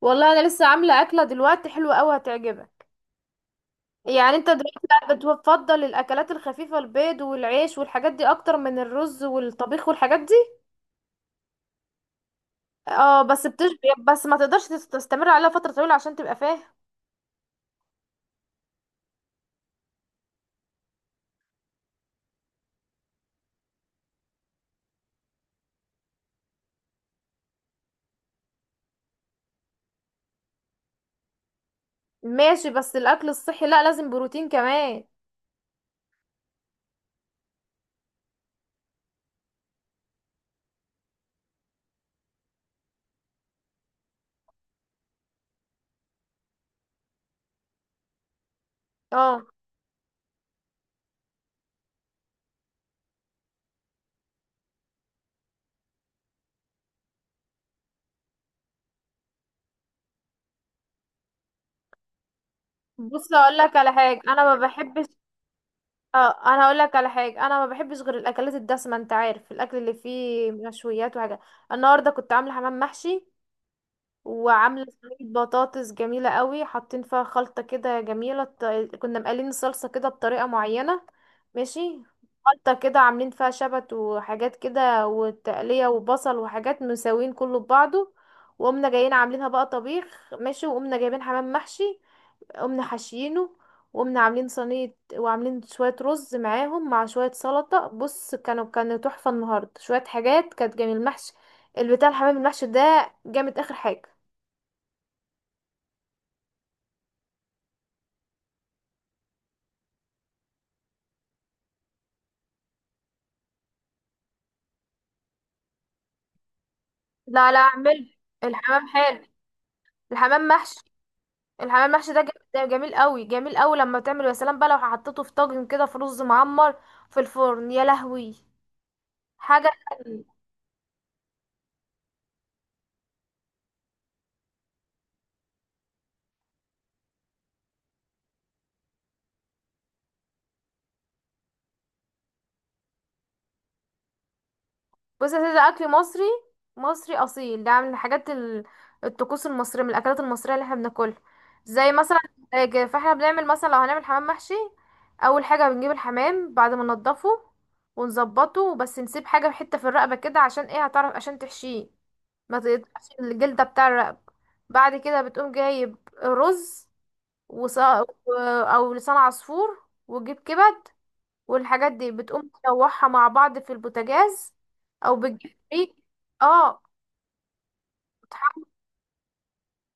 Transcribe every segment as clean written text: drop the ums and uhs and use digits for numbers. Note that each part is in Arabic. والله انا لسه عامله اكله دلوقتي حلوه قوي هتعجبك. يعني انت دلوقتي بقى بتفضل الاكلات الخفيفه، البيض والعيش والحاجات دي، اكتر من الرز والطبيخ والحاجات دي؟ اه بس بتشبع، بس ما تقدرش تستمر عليها فتره طويله عشان تبقى فاهم. ماشي، بس الاكل الصحي لا، لازم بروتين كمان. اه. بص اقول لك على حاجه، انا ما بحبش. اه انا هقول لك على حاجه، انا ما بحبش غير الاكلات الدسمه، انت عارف الاكل اللي فيه مشويات وحاجات. النهارده كنت عامله حمام محشي، وعامله صينيه بطاطس جميله قوي، حاطين فيها خلطه كده جميله، كنا مقلين الصلصه كده بطريقه معينه. ماشي. خلطه كده عاملين فيها شبت وحاجات كده وتقليه وبصل وحاجات، مساويين كله ببعضه. وقمنا جايين عاملينها بقى طبيخ ماشي، وقمنا جايبين حمام محشي، قمنا حاشيينه، وقمنا عاملين صينيه وعاملين شويه رز معاهم مع شويه سلطه. بص، كانوا تحفه النهارده، شويه حاجات كانت جميل، المحشي البتاع، الحمام المحشي ده جامد اخر حاجه. لا لا اعمله، الحمام حلو، الحمام محشي. الحمام محشي ده ده جميل قوي جميل قوي لما بتعمله، يا سلام بقى لو حطيته في طاجن كده في رز معمر في الفرن، يا لهوي حاجه. بص يا سيدي، ده اكل مصري، مصري اصيل، ده من الحاجات الطقوس المصريه، من الاكلات المصريه اللي احنا بناكلها، زي مثلا. فاحنا بنعمل مثلا لو هنعمل حمام محشي، اول حاجه بنجيب الحمام بعد ما ننضفه ونظبطه، بس نسيب حاجه حته في الرقبه كده، عشان ايه؟ هتعرف عشان تحشيه، ما تقطعش الجلدة بتاع الرقبة. بعد كده بتقوم جايب رز وص... و- او لسان عصفور، وتجيب كبد، والحاجات دي بتقوم تشوحها مع بعض في البوتاجاز، او بتجيب ريق. اه بتح-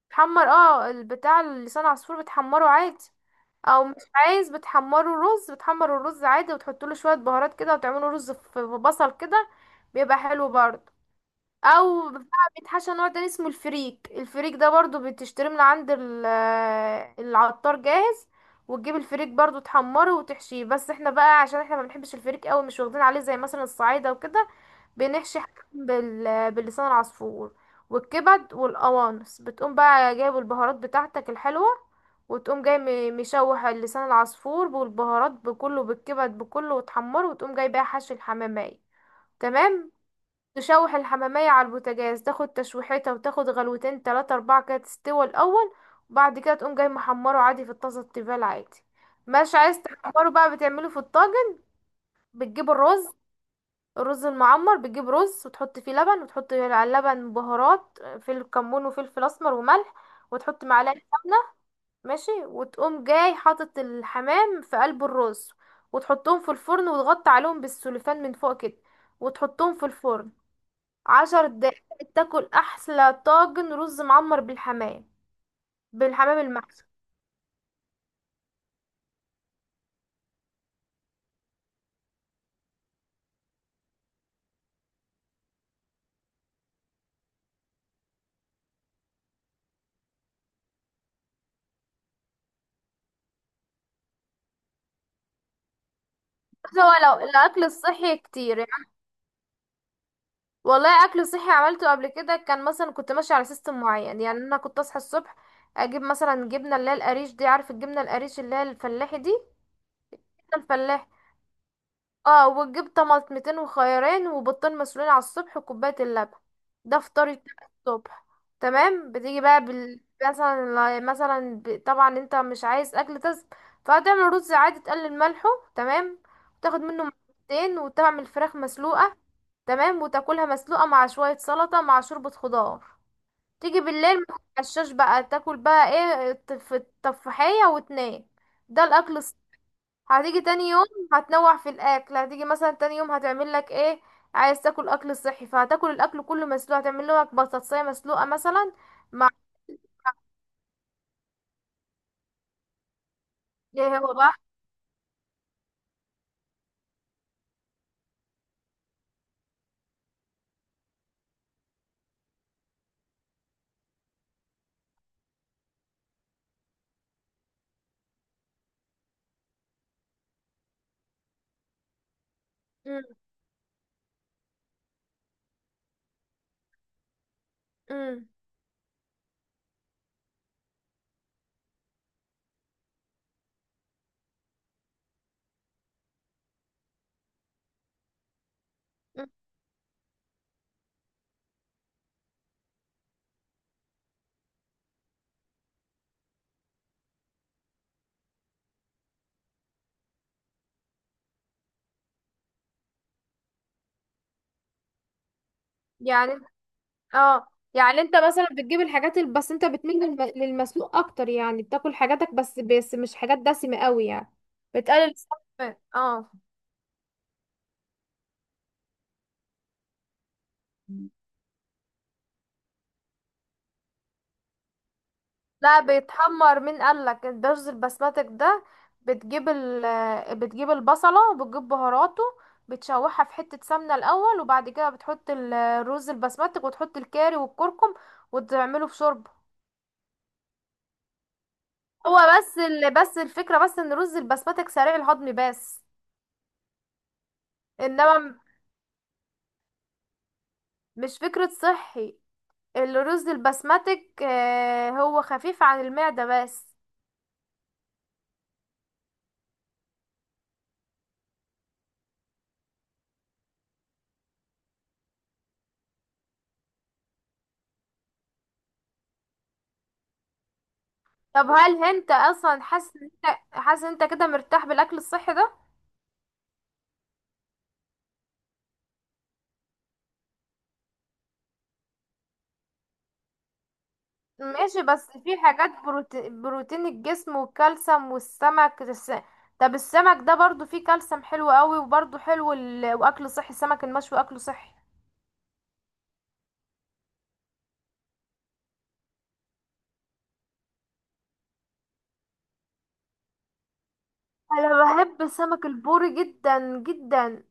بتحمر، اه البتاع لسان عصفور بتحمره عادي، او مش عايز بتحمره رز، بتحمر الرز عادي وتحط له شوية بهارات كده، وتعمله رز في بصل كده، بيبقى حلو برضه. او بتاع بيتحشى نوع تاني اسمه الفريك، الفريك ده برضو بتشتريه من عند العطار جاهز، وتجيب الفريك برضو، تحمره وتحشيه. بس احنا بقى عشان احنا ما بنحبش الفريك قوي، مش واخدين عليه زي مثلا الصعايده وكده، بنحشي حاجة باللسان العصفور والكبد والقوانص. بتقوم بقى جايب البهارات بتاعتك الحلوه، وتقوم جاي مشوح اللسان العصفور بالبهارات بكله، بالكبد بكله، وتحمره، وتقوم جاي بقى حشي الحمامية. تمام. تشوح الحمامية على البوتاجاز، تاخد تشويحتها، وتاخد غلوتين تلاتة أربعة كده تستوى الأول، وبعد كده تقوم جاي محمره عادي في الطاسة التيفال عادي، مش عايز تحمره بقى بتعمله في الطاجن. بتجيب الرز، الرز المعمر، بتجيب رز وتحط فيه لبن، وتحط على اللبن بهارات فلفل كمون وفلفل أسمر وملح، وتحط معلقة سمنة. ماشي. وتقوم جاي حاطط الحمام في قلب الرز، وتحطهم في الفرن، وتغطي عليهم بالسوليفان من فوق كده، وتحطهم في الفرن 10 دقايق، تاكل احلى طاجن رز معمر بالحمام، بالحمام المحشي. بس هو، لو الاكل الصحي كتير يعني. والله اكل صحي عملته قبل كده، كان مثلا كنت ماشيه على سيستم معين. يعني انا كنت اصحى الصبح، اجيب مثلا جبنه اللي هي القريش دي، عارف الجبنه القريش اللي هي الفلاحي دي؟ الفلاح. اه. وتجيب طماطمتين وخيارين وبيضتين مسلوقين على الصبح، وكوباية اللبن، ده فطار الصبح. تمام. بتيجي بقى بال... مثلا مثلا ب... طبعا انت مش عايز اكل دسم، فهتعمل رز عادي، تقلل ملحه. تمام. وتاخد منه مرتين، وتعمل فراخ مسلوقة. تمام. وتاكلها مسلوقة مع شوية سلطة مع شوربة خضار. تيجي بالليل ما تتعشاش بقى، تاكل بقى ايه، التفاحية وتنام. ده الاكل. هتيجي تاني يوم، هتنوع في الاكل، هتيجي مثلا تاني يوم هتعمل لك ايه؟ عايز تاكل اكل صحي، فهتاكل الاكل كله مسلوق، هتعمل لك بطاطسية مسلوقة مثلا. مع ايه هو بقى؟ مم، مم، مم. يعني اه، يعني انت مثلا بتجيب بس انت بتميل للمسلوق اكتر، يعني بتاكل حاجاتك بس، مش حاجات دسمة قوي يعني، بتقلل السمنة. اه. لا بيتحمر، مين قالك الرز البسمتك ده؟ بتجيب ال بتجيب البصلة وبتجيب بهاراته، بتشوحها في حتة سمنة الأول، وبعد كده بتحط الرز البسمتك، وتحط الكاري والكركم، وتعمله في شوربة. هو بس الفكرة بس ان رز البسمتك سريع الهضم بس. انما مش فكرة صحي، الرز البسمتك هو خفيف عن المعدة بس. طب هل انت اصلا حاسس، ان انت حاسس ان انت كده مرتاح بالاكل الصحي ده؟ ماشي، بس في حاجات بروتين الجسم والكالسيوم والسمك طب السمك ده برضو فيه كالسيوم حلو قوي، وبرضو حلو واكل صحي، السمك المشوي اكله صحي. انا بحب سمك البوري جدا جدا.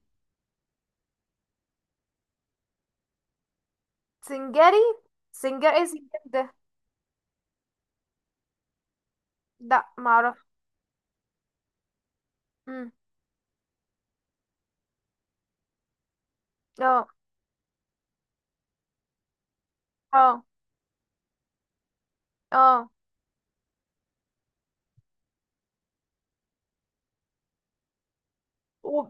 سنجاري؟ سنجاري ايه سنجاري ده؟ لا معرفش. امم. اه، اه، اه، و...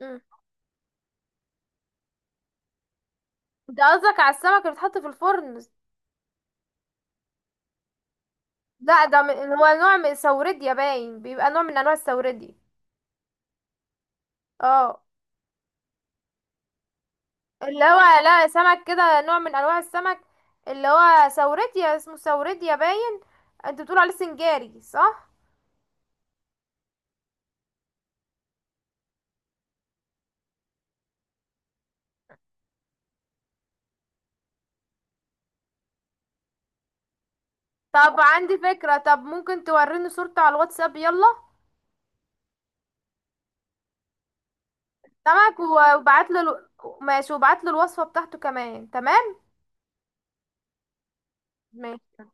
مم. ده قصدك على السمك اللي بيتحط في الفرن؟ لا ده هو نوع من السوردي باين، بيبقى نوع من انواع السوردي. اه اللي هو، لا سمك كده نوع من انواع السمك، اللي هو سوريديا، اسمه سوريديا باين، انت بتقول عليه سنجاري صح؟ طب عندي فكرة، طب ممكن توريني صورته على الواتساب؟ يلا سمك وبعت له، ماشي وبعت له الوصفة بتاعته كمان. تمام ماشي.